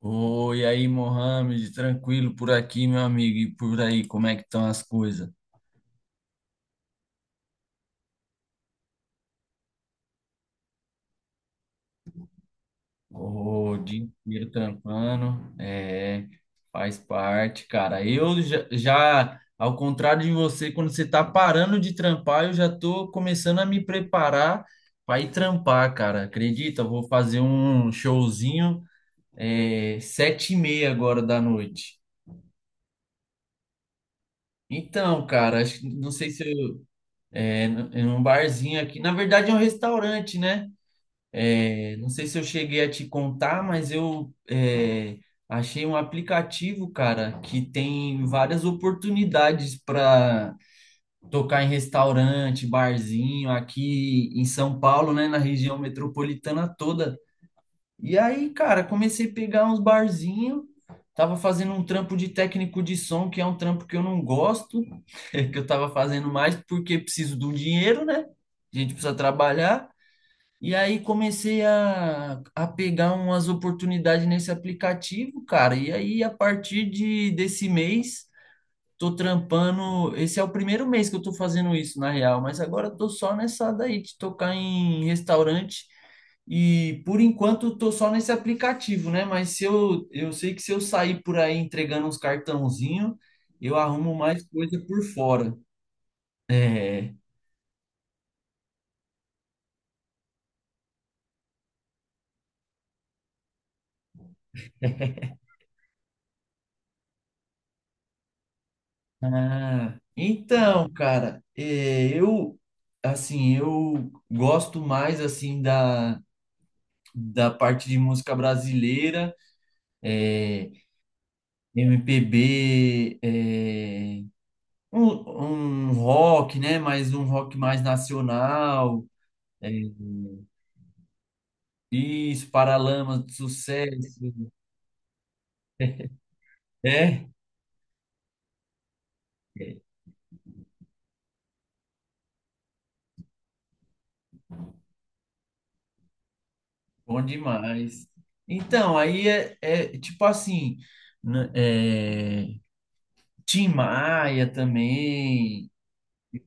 Oi, aí, Mohamed, tranquilo por aqui, meu amigo, e por aí, como é que estão as coisas? O dia inteiro trampando, é, faz parte, cara. Eu já, ao contrário de você, quando você tá parando de trampar, eu já tô começando a me preparar para ir trampar, cara. Acredita? Eu vou fazer um showzinho, 7:30 agora da noite. Então, cara, não sei se eu em um barzinho aqui. Na verdade, é um restaurante, né? É, não sei se eu cheguei a te contar, mas eu achei um aplicativo, cara, que tem várias oportunidades para tocar em restaurante, barzinho, aqui em São Paulo, né? Na região metropolitana toda. E aí, cara, comecei a pegar uns barzinhos, tava fazendo um trampo de técnico de som, que é um trampo que eu não gosto, que eu tava fazendo mais porque preciso do dinheiro, né? A gente precisa trabalhar. E aí comecei a pegar umas oportunidades nesse aplicativo, cara. E aí, a partir desse mês, tô trampando. Esse é o primeiro mês que eu tô fazendo isso, na real, mas agora eu tô só nessa daí de tocar em restaurante. E por enquanto eu tô só nesse aplicativo, né? Mas se eu, eu sei que se eu sair por aí entregando uns cartãozinho, eu arrumo mais coisa por fora. É. Ah, então, cara, eu assim, eu gosto mais assim da parte de música brasileira. é, MPB, é, um rock, né? Mas um rock mais nacional. é, isso, Paralamas do Sucesso. É, bom demais. Então, aí é tipo assim, n- é, Tim Maia também,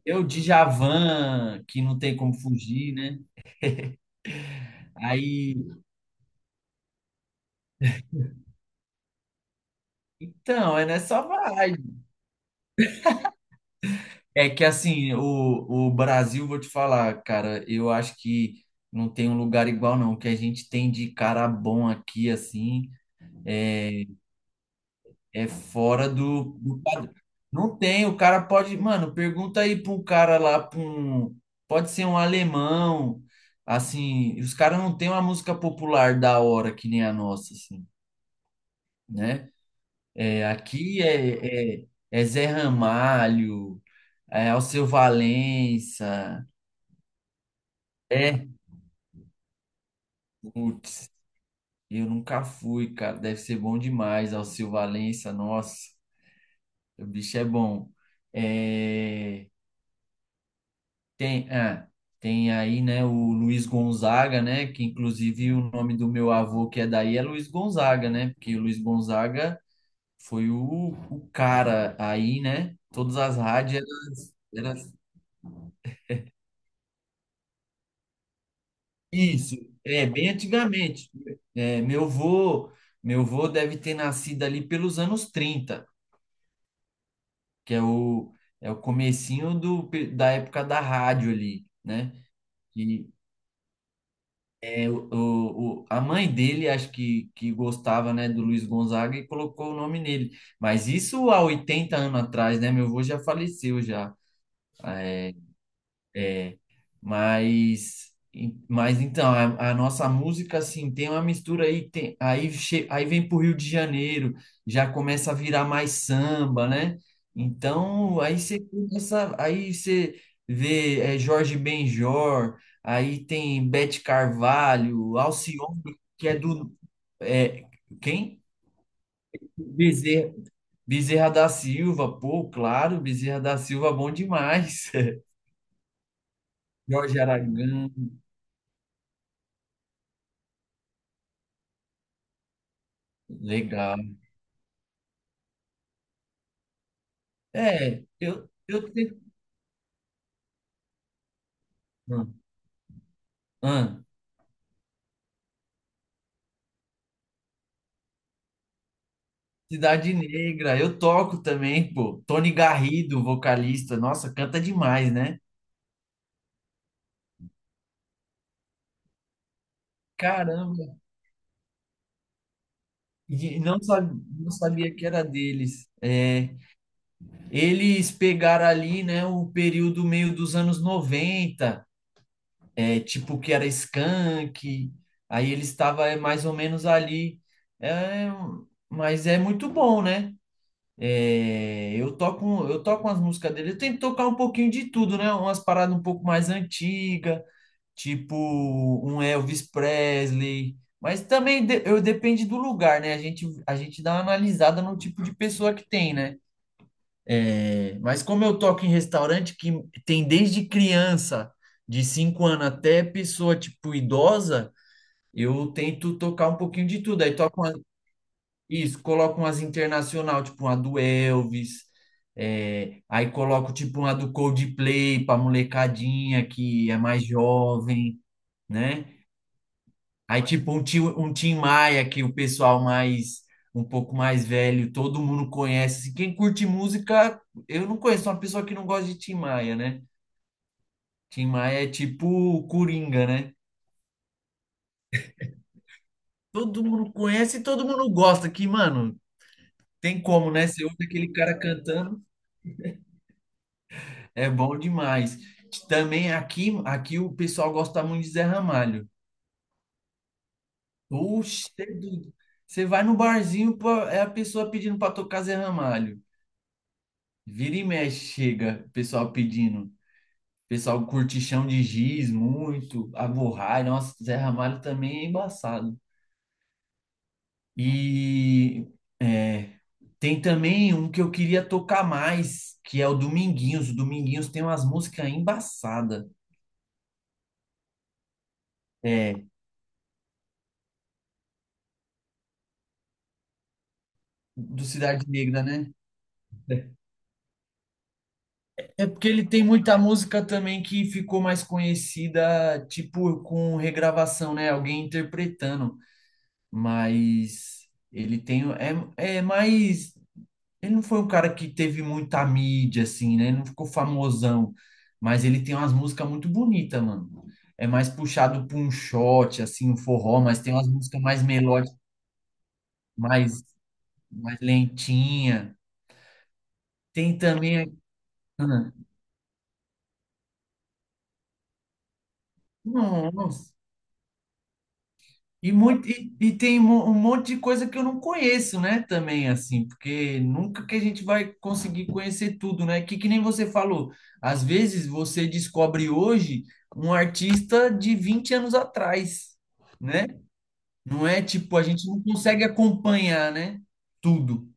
eu Djavan, que não tem como fugir, né? Aí, então, é nessa vibe. É que assim, o Brasil, vou te falar, cara, eu acho que não tem um lugar igual, não. O que a gente tem de cara bom aqui, assim, é fora do padrão. Não tem, o cara pode. Mano, pergunta aí pra um cara lá, pra um. Pode ser um alemão, assim, os caras não têm uma música popular da hora que nem a nossa, assim, né? É, aqui é Zé Ramalho, é Alceu Valença. É, putz. Eu nunca fui, cara. Deve ser bom demais. Alceu Valença, nossa, o bicho é bom. É, tem, ah, tem aí, né, o Luiz Gonzaga, né? Que inclusive o nome do meu avô que é daí é Luiz Gonzaga, né? Porque o Luiz Gonzaga foi o cara aí, né? Todas as rádios eram, eram- isso, é bem antigamente. É, meu avô deve ter nascido ali pelos anos 30 que é é o comecinho da época da rádio ali, né? E é a mãe dele, acho que gostava, né, do Luiz Gonzaga e colocou o nome nele. Mas isso há 80 anos atrás, né? Meu avô já faleceu já. é, Mas, mas então, a nossa música, assim, tem uma mistura aí, aí vem pro Rio de Janeiro, já começa a virar mais samba, né? Então, aí você começa, aí você vê Jorge Benjor, aí tem Beth Carvalho, Alcione, que é do... É, quem? Bezerra, Bezerra da Silva, pô, claro, Bezerra da Silva, bom demais. Jorge Aragão, legal. Eu tenho. Ah, ah, Cidade Negra, eu toco também, pô. Tony Garrido, vocalista, nossa, canta demais, né? Caramba, e não, sabe, não sabia que era deles. É, eles pegaram ali, né, o período meio dos anos 90, é, tipo que era Skank, aí eles estavam mais ou menos ali. É, mas é muito bom, né? Eu toco umas músicas dele. Eu tento tocar um pouquinho de tudo, né? Umas paradas um pouco mais antigas, tipo um Elvis Presley. Mas também de- eu depende do lugar, né? A gente dá uma analisada no tipo de pessoa que tem, né? É, mas como eu toco em restaurante que tem desde criança, de 5 anos até pessoa tipo idosa, eu tento tocar um pouquinho de tudo. Aí toco uma- isso, coloco umas internacional, tipo uma do Elvis, é, aí coloco tipo uma do Coldplay pra molecadinha que é mais jovem, né? Aí um Tim Maia que o pessoal mais, um pouco mais velho, todo mundo conhece. Assim, quem curte música, eu não conheço uma pessoa que não gosta de Tim Maia, né? Tim Maia é tipo o Coringa, né? Todo mundo conhece e todo mundo gosta, que, mano, tem como, né? Você ouve aquele cara cantando, é bom demais. Também aqui, aqui o pessoal gosta muito de Zé Ramalho. Oxe, cê é doido. Você vai no barzinho, pô, é a pessoa pedindo para tocar Zé Ramalho. Vira e mexe, chega, o pessoal pedindo. O pessoal curte Chão de Giz muito, Avorrai, nossa, Zé Ramalho também é embaçado. E é, tem também um que eu queria tocar mais, que é o Dominguinhos. O Dominguinhos tem umas músicas embaçadas. É, do Cidade Negra, né? É porque ele tem muita música também que ficou mais conhecida, tipo, com regravação, né? Alguém interpretando. Mas ele tem. É, é mais. Ele não foi um cara que teve muita mídia, assim, né? Ele não ficou famosão. Mas ele tem umas músicas muito bonitas, mano. É mais puxado pra um shot, assim, um forró, mas tem umas músicas mais melódicas, mais, mais lentinha. Tem também. A- Ah, nossa. E tem um um monte de coisa que eu não conheço, né? Também, assim, porque nunca que a gente vai conseguir conhecer tudo, né? Que nem você falou, às vezes você descobre hoje um artista de 20 anos atrás, né? Não é tipo, a gente não consegue acompanhar, né? Tudo.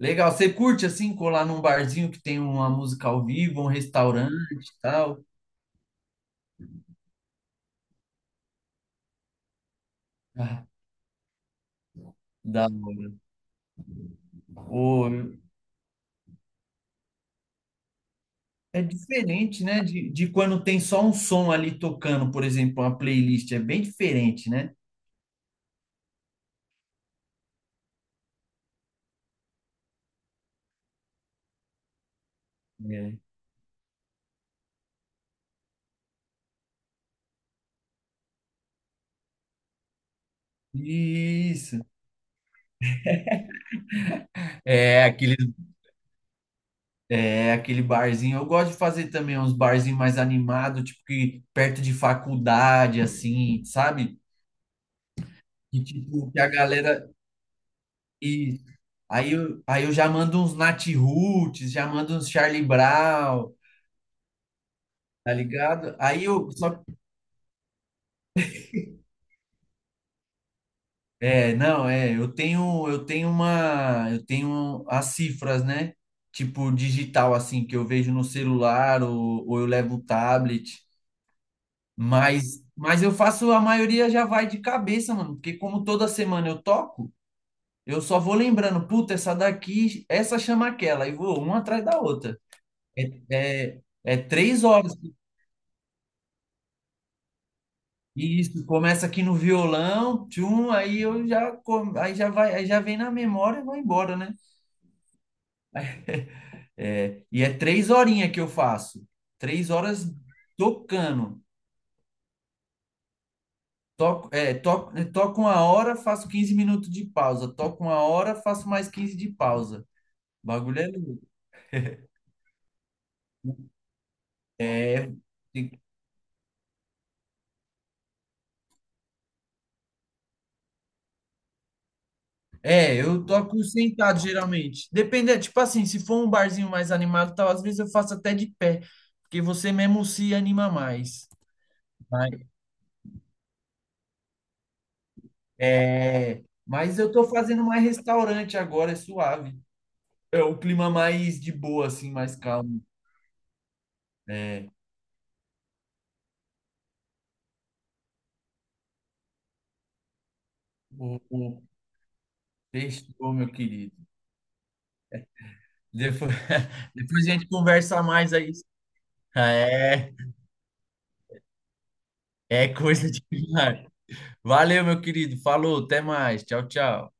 Legal. Você curte, assim, colar num barzinho que tem uma música ao vivo, um restaurante e tal? Ah, da hora. É diferente, né, de quando tem só um som ali tocando, por exemplo, uma playlist. É bem diferente, né? É. Isso. É, aquele. É aquele barzinho. Eu gosto de fazer também uns barzinhos mais animados, tipo que perto de faculdade, assim, sabe? Que tipo, que a galera. E aí eu já mando uns Nat Roots, já mando uns Charlie Brown, tá ligado? Aí eu. Só é, não, é, eu tenho as cifras, né? Tipo digital assim que eu vejo no celular ou eu levo o tablet, mas eu faço a maioria já vai de cabeça, mano, porque como toda semana eu toco, eu só vou lembrando, puta, essa daqui, essa chama aquela e vou uma atrás da outra. É, é 3 horas. E isso, começa aqui no violão, tchum, aí eu já, aí já vai, aí já vem na memória e vai embora, né? É, e é três horinhas que eu faço. 3 horas tocando. Toco, toco uma hora, faço 15 minutos de pausa. Toco uma hora, faço mais 15 de pausa. O bagulho é louco. É, Tem- É, eu toco sentado geralmente. Depende, é, tipo assim, se for um barzinho mais animado, e tal, às vezes eu faço até de pé, porque você mesmo se anima mais. Mas, é, mas eu tô fazendo mais restaurante agora, é suave. É o clima mais de boa, assim, mais calmo. É, o Sextou, meu querido. Depois, depois a gente conversa mais aí. É, é coisa demais. Valeu, meu querido. Falou, até mais. Tchau, tchau.